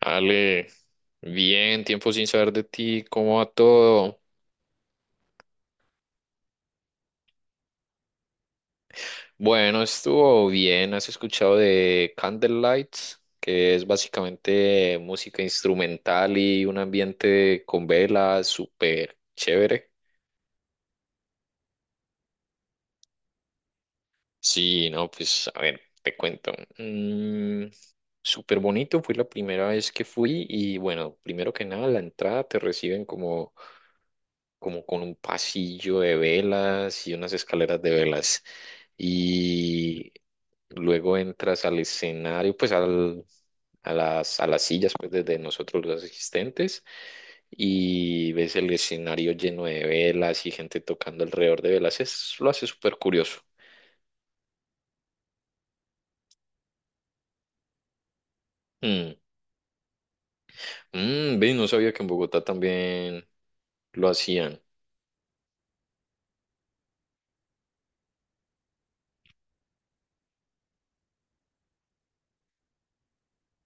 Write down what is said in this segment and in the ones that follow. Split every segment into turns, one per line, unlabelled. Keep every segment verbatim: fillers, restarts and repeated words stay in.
Ale, bien, tiempo sin saber de ti, ¿cómo va todo? Bueno, estuvo bien, ¿has escuchado de Candlelights? Que es básicamente música instrumental y un ambiente con velas súper chévere. Sí, no, pues a ver, te cuento. Mm, súper bonito, fue la primera vez que fui y bueno, primero que nada, la entrada te reciben como como con un pasillo de velas y unas escaleras de velas. Y luego entras al escenario, pues al, a las, a las sillas pues, de, de nosotros los asistentes y ves el escenario lleno de velas y gente tocando alrededor de velas. Es, lo hace súper curioso. Mm. Mm, ve, no sabía que en Bogotá también lo hacían.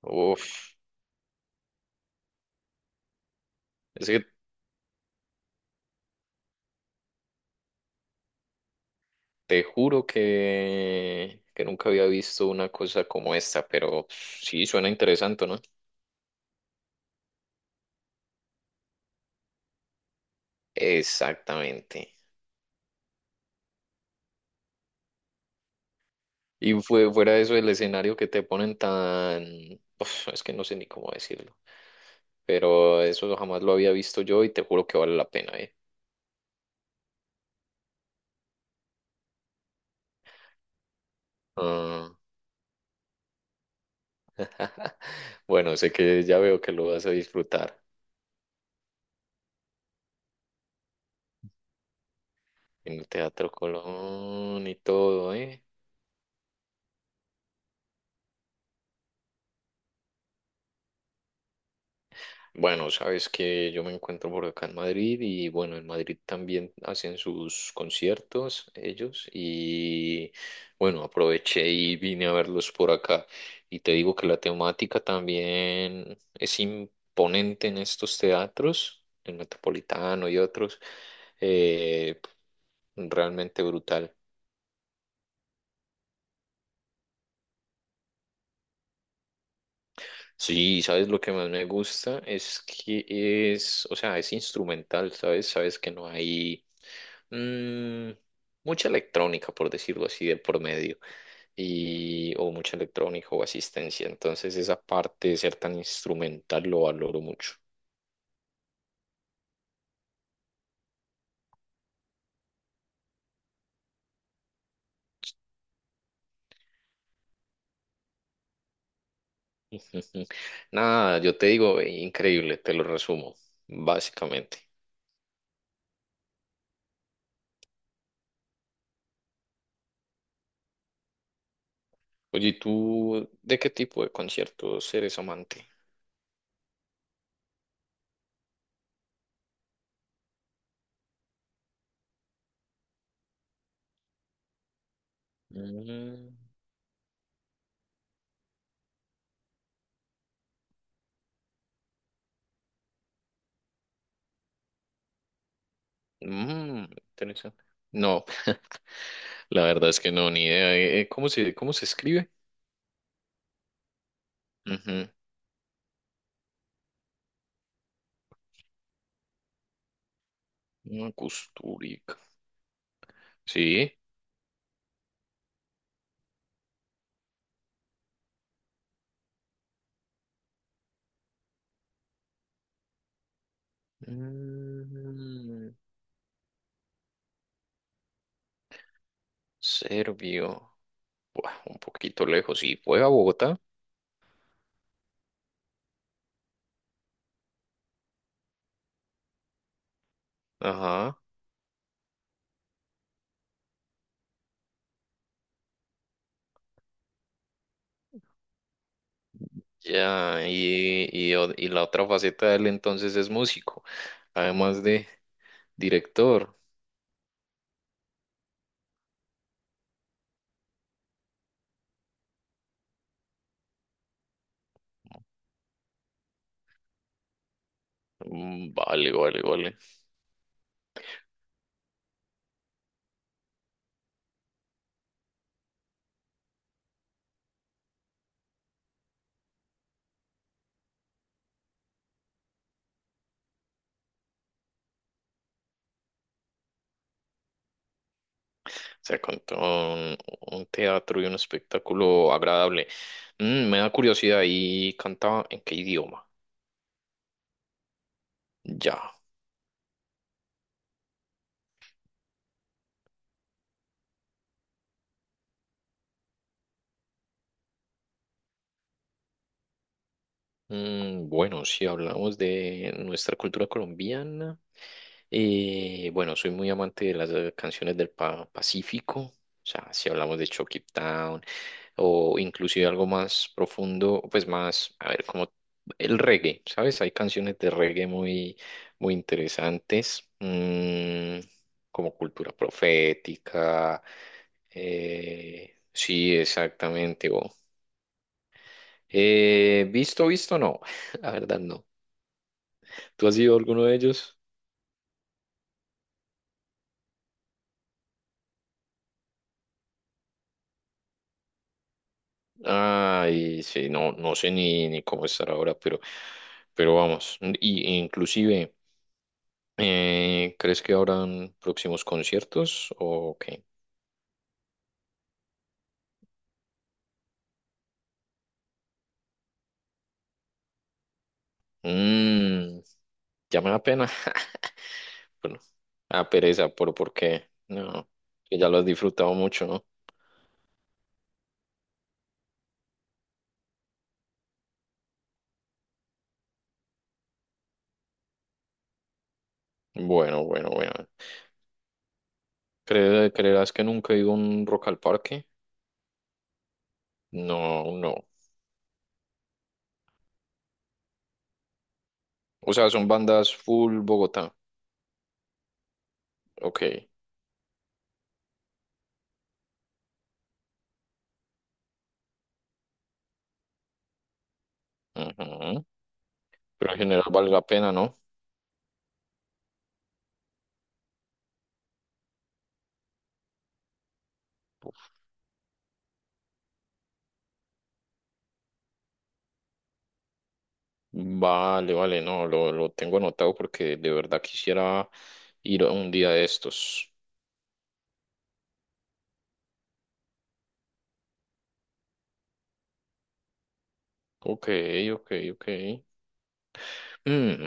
Uf, es que te juro que, que nunca había visto una cosa como esta, pero sí suena interesante, ¿no? Exactamente. Y fue fuera de eso el escenario que te ponen tan... Uf, es que no sé ni cómo decirlo, pero eso jamás lo había visto yo y te juro que vale la pena, ¿eh? Ah, bueno, sé que ya veo que lo vas a disfrutar en el Teatro Colón y todo, ¿eh? Bueno, sabes que yo me encuentro por acá en Madrid y bueno, en Madrid también hacen sus conciertos ellos y bueno, aproveché y vine a verlos por acá. Y te digo que la temática también es imponente en estos teatros, el Metropolitano y otros, eh, realmente brutal. Sí, sabes lo que más me gusta es que es, o sea, es instrumental, sabes, sabes que no hay mm, mucha electrónica, por decirlo así, de por medio, y o mucha electrónica o asistencia. Entonces, esa parte de ser tan instrumental lo valoro mucho. Ujú. Nada, yo te digo, eh, increíble, te lo resumo básicamente. Oye, ¿y ¿tú de qué tipo de conciertos eres amante? Mm, mm, interesante. No, la verdad es que no, ni idea. Eh, eh, ¿cómo se, cómo se escribe? Ujú. Una Costurica. Sí. Mm, serbio. Buah, un poquito lejos. Sí, fue a Bogotá. Ajá. Ya, y, y, o- y la otra faceta de él entonces es músico, además de director. Mm, vale, vale, vale. O sea, con todo un, un teatro y un espectáculo agradable. Mm, me da curiosidad, ¿y cantaba en qué idioma? Ya. Mm, bueno, si hablamos de nuestra cultura colombiana, eh, bueno, soy muy amante de las eh, canciones del Pa- Pacífico, o sea, si hablamos de Chucky Town o inclusive algo más profundo, pues más, a ver, como el reggae, ¿sabes? Hay canciones de reggae muy, muy interesantes, mm, como Cultura Profética, eh, sí, exactamente. O eh, visto, visto, no. La verdad no. ¿Tú has ido a alguno de ellos? Ay, sí, no, no sé ni, ni cómo estar ahora, pero, pero vamos. Y, e inclusive, eh, ¿crees que habrán próximos conciertos o qué? Mm, ya me da pena. Bueno, a pereza, pero por qué. No, que ya lo has disfrutado mucho, ¿no? Bueno, bueno, bueno. ¿Cre- ¿Creerás que nunca he ido a un Rock al Parque? No, no. O sea, son bandas full Bogotá. Ok. Ujú. Pero en general vale la pena, ¿no? Vale, vale, no, lo, lo tengo anotado porque de verdad quisiera ir a un día de estos. Ok, ok, ok. Mm,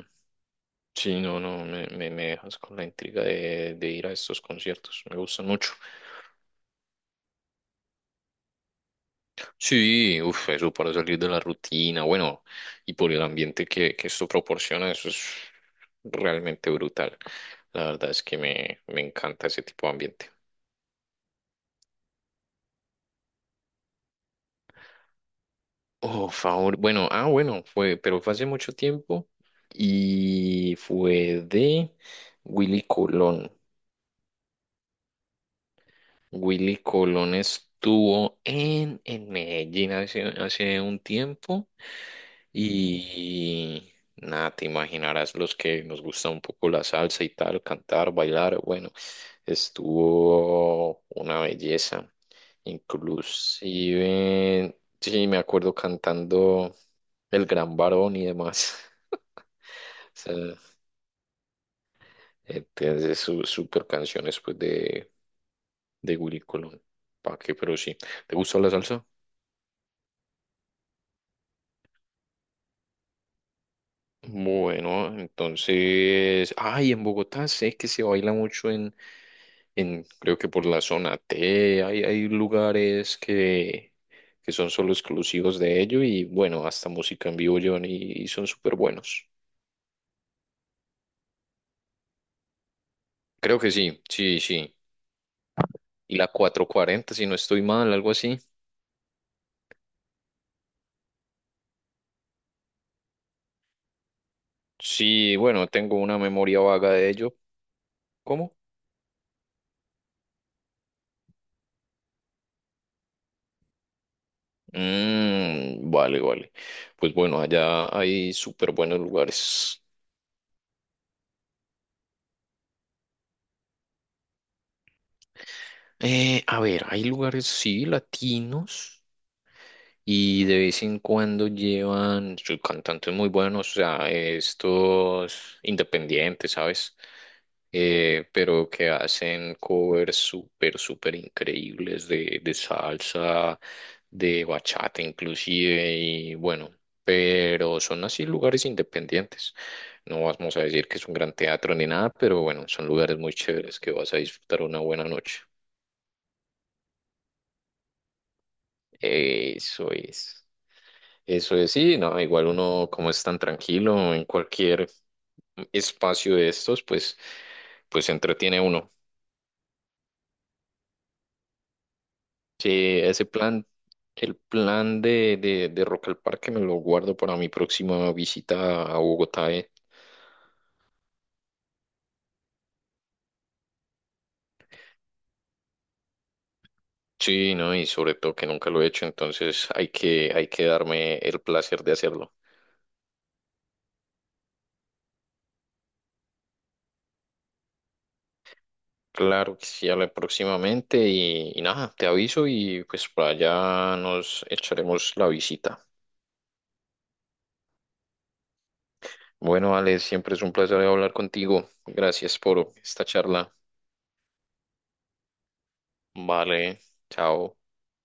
sí, no, no, me, me, me dejas con la intriga de, de ir a estos conciertos. Me gustan mucho. Sí, uff, eso para salir de la rutina, bueno, y por el ambiente que, que esto proporciona, eso es realmente brutal. La verdad es que me, me encanta ese tipo de ambiente. Oh, favor. Bueno, ah, bueno, fue, pero fue hace mucho tiempo y fue de Willy Colón. Willy Colón estuvo en, en Medellín hace, hace un tiempo y nada, te imaginarás los que nos gusta un poco la salsa y tal, cantar, bailar. Bueno, estuvo una belleza. Inclusive, sí, me acuerdo cantando El Gran Varón y demás. Sea, eh, tiene sus super canciones pues de, de Willy Colón. ¿Para qué? Pero sí. ¿Te gusta la salsa? Bueno, entonces, ay, en Bogotá sé que se baila mucho en, en creo que por la zona T, hay, hay lugares que, que son solo exclusivos de ello y bueno, hasta música en vivo llevan y, y son súper buenos. Creo que sí, sí, sí. Y la cuatrocientos cuarenta si no estoy mal, algo así. Sí, bueno, tengo una memoria vaga de ello. ¿Cómo? Mm, vale, vale. Pues bueno, allá hay súper buenos lugares. Eh, a ver, hay lugares, sí, latinos. Y de vez en cuando llevan sus cantantes muy buenos, o sea, estos independientes, ¿sabes? Eh, pero que hacen covers súper, súper increíbles de, de salsa, de bachata inclusive, y bueno, pero son así lugares independientes. No vamos a decir que es un gran teatro ni nada, pero bueno, son lugares muy chéveres que vas a disfrutar una buena noche. Eso es. Eso es, sí, no, igual uno como es tan tranquilo en cualquier espacio de estos, pues, pues se entretiene uno. Sí, ese plan, el plan de, de, de Rock al Parque me lo guardo para mi próxima visita a Bogotá, eh. Sí, no, y sobre todo que nunca lo he hecho, entonces hay que, hay que darme el placer de hacerlo. Claro que sí, habla próximamente y, y nada, te aviso y pues para allá nos echaremos la visita. Bueno, Ale, siempre es un placer hablar contigo. Gracias por esta charla. Vale, chao.